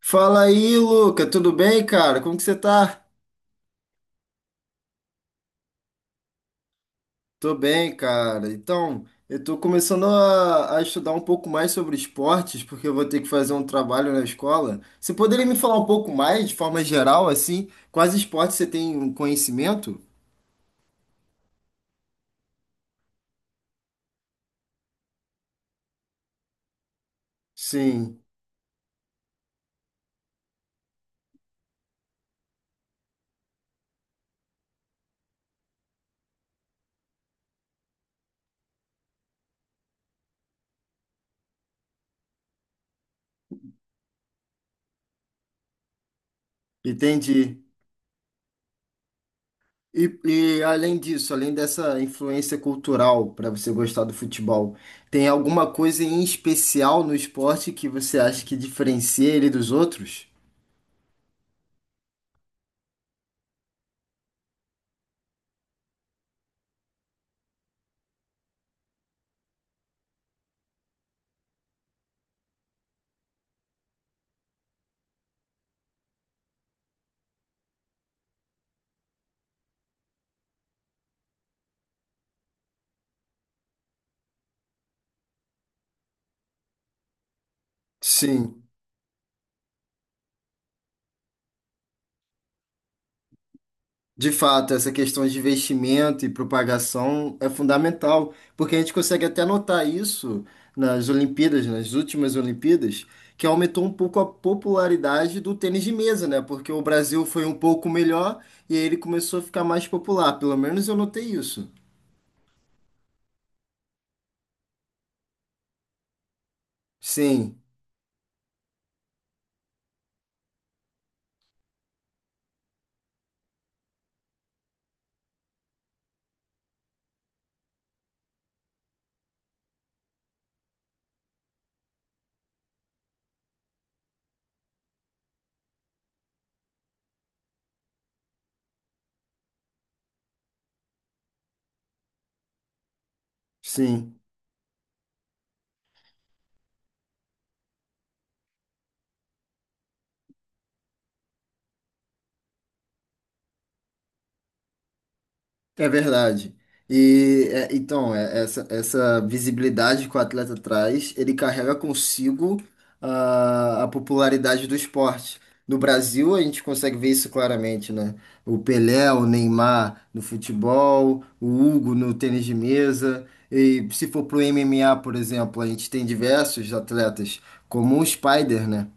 Fala aí, Luca, tudo bem, cara? Como que você tá? Tô bem, cara. Então, eu tô começando a estudar um pouco mais sobre esportes, porque eu vou ter que fazer um trabalho na escola. Você poderia me falar um pouco mais, de forma geral, assim, quais esportes você tem um conhecimento? Sim, entendi. E, e além disso, além dessa influência cultural para você gostar do futebol, tem alguma coisa em especial no esporte que você acha que diferencia ele dos outros? Sim. De fato, essa questão de investimento e propagação é fundamental, porque a gente consegue até notar isso nas Olimpíadas, nas últimas Olimpíadas, que aumentou um pouco a popularidade do tênis de mesa, né? Porque o Brasil foi um pouco melhor e aí ele começou a ficar mais popular. Pelo menos eu notei isso. Sim, sim. É verdade. E é, então, é, essa visibilidade que o atleta traz, ele carrega consigo a popularidade do esporte. No Brasil, a gente consegue ver isso claramente, né? O Pelé, o Neymar no futebol, o Hugo no tênis de mesa. E se for pro MMA, por exemplo, a gente tem diversos atletas, como o Spider, né?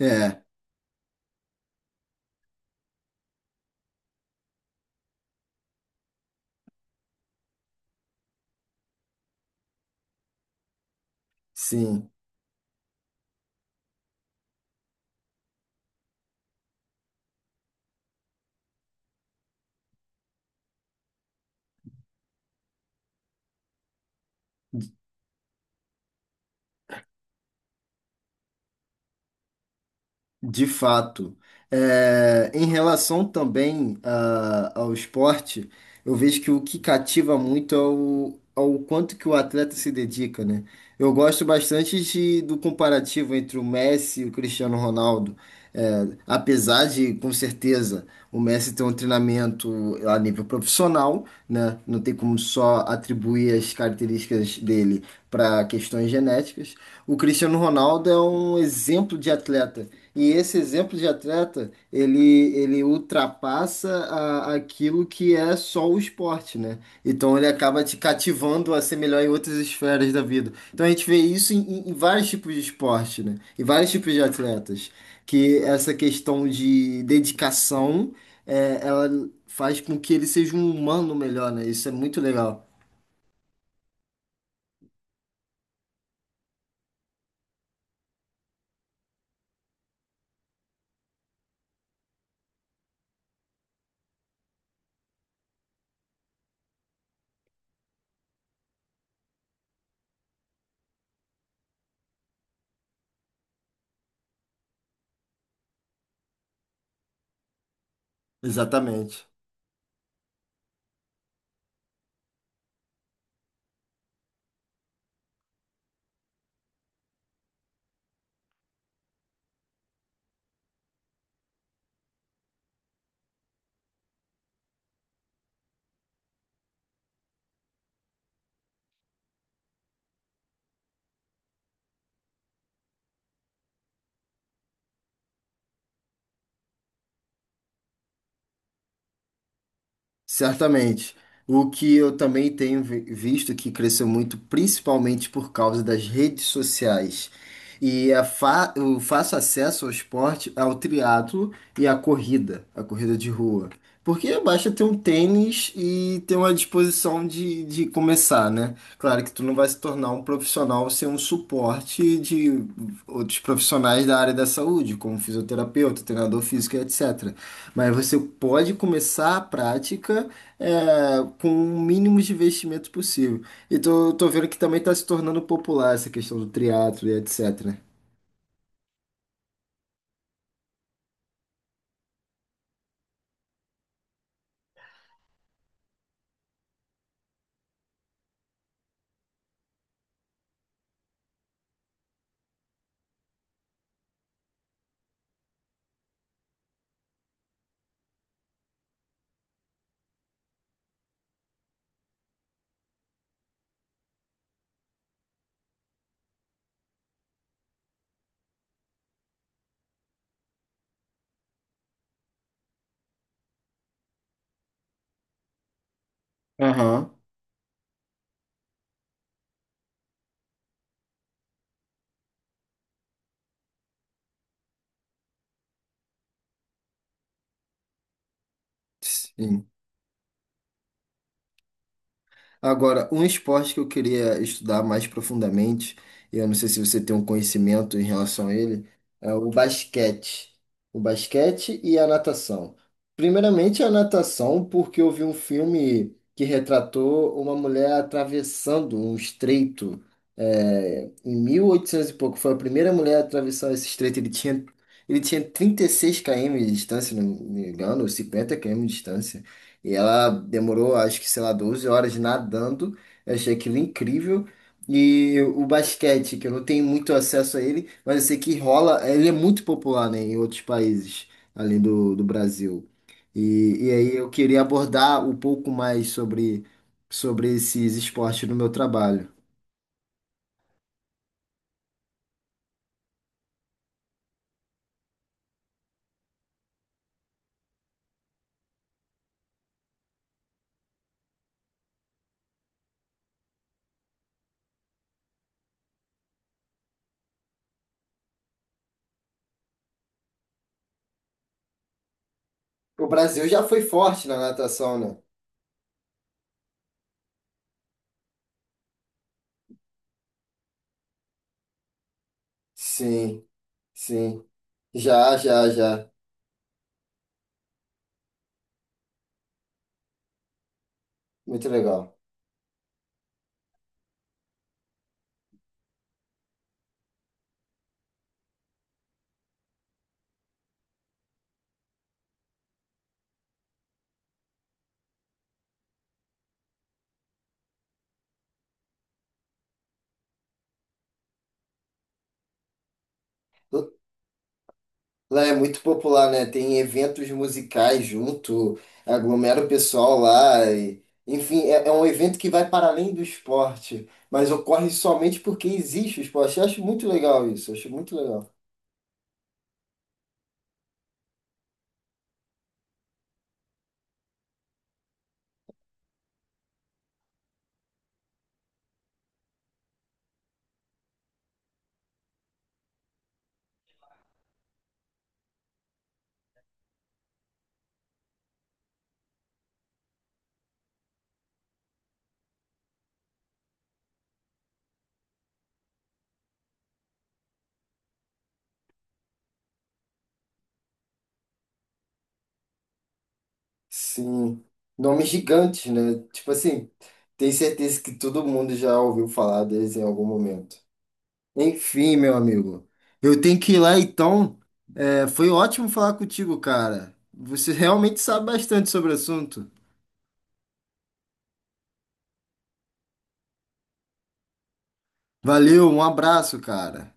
É, sim. De fato. É, em relação também ao esporte, eu vejo que o que cativa muito é o, ao quanto que o atleta se dedica, né? Eu gosto bastante do comparativo entre o Messi e o Cristiano Ronaldo. É, apesar de, com certeza, o Messi ter um treinamento a nível profissional, né? Não tem como só atribuir as características dele para questões genéticas. O Cristiano Ronaldo é um exemplo de atleta e esse exemplo de atleta, ele ultrapassa aquilo que é só o esporte, né? Então ele acaba te cativando a ser melhor em outras esferas da vida. Então a gente vê isso em vários tipos de esporte, né? Em vários tipos de atletas. Que essa questão de dedicação, é, ela faz com que ele seja um humano melhor, né? Isso é muito legal. Exatamente. Certamente. O que eu também tenho visto que cresceu muito, principalmente por causa das redes sociais. E a fa o fácil acesso ao esporte, ao triatlo e à corrida, a corrida de rua. Porque basta ter um tênis e ter uma disposição de começar, né? Claro que tu não vai se tornar um profissional sem um suporte de outros profissionais da área da saúde, como fisioterapeuta, treinador físico, etc. Mas você pode começar a prática é, com o mínimo de investimento possível. E tô vendo que também está se tornando popular essa questão do triatlo e etc. né? Aham. Sim. Agora, um esporte que eu queria estudar mais profundamente, e eu não sei se você tem um conhecimento em relação a ele, é o basquete. O basquete e a natação. Primeiramente, a natação, porque eu vi um filme que retratou uma mulher atravessando um estreito, é, em 1800 e oitocentos e pouco. Foi a primeira mulher a atravessar esse estreito. Ele tinha 36 km de distância, se não me engano, ou 50 km de distância. E ela demorou, acho que, sei lá, 12 horas nadando. Eu achei aquilo incrível. E o basquete, que eu não tenho muito acesso a ele, mas eu sei que rola, ele é muito popular, né, em outros países, além do Brasil. E aí eu queria abordar um pouco mais sobre, sobre esses esportes no meu trabalho. O Brasil já foi forte na natação, né? Sim, sim. Já, já, já. Muito legal. Lá é muito popular, né? Tem eventos musicais junto, aglomera o pessoal lá. E- enfim, é, é um evento que vai para além do esporte, mas ocorre somente porque existe o esporte. Eu acho muito legal isso, eu acho muito legal. Sim, nomes gigantes, né? Tipo assim, tenho certeza que todo mundo já ouviu falar deles em algum momento. Enfim, meu amigo, eu tenho que ir lá então. É, foi ótimo falar contigo, cara. Você realmente sabe bastante sobre o assunto. Valeu, um abraço, cara.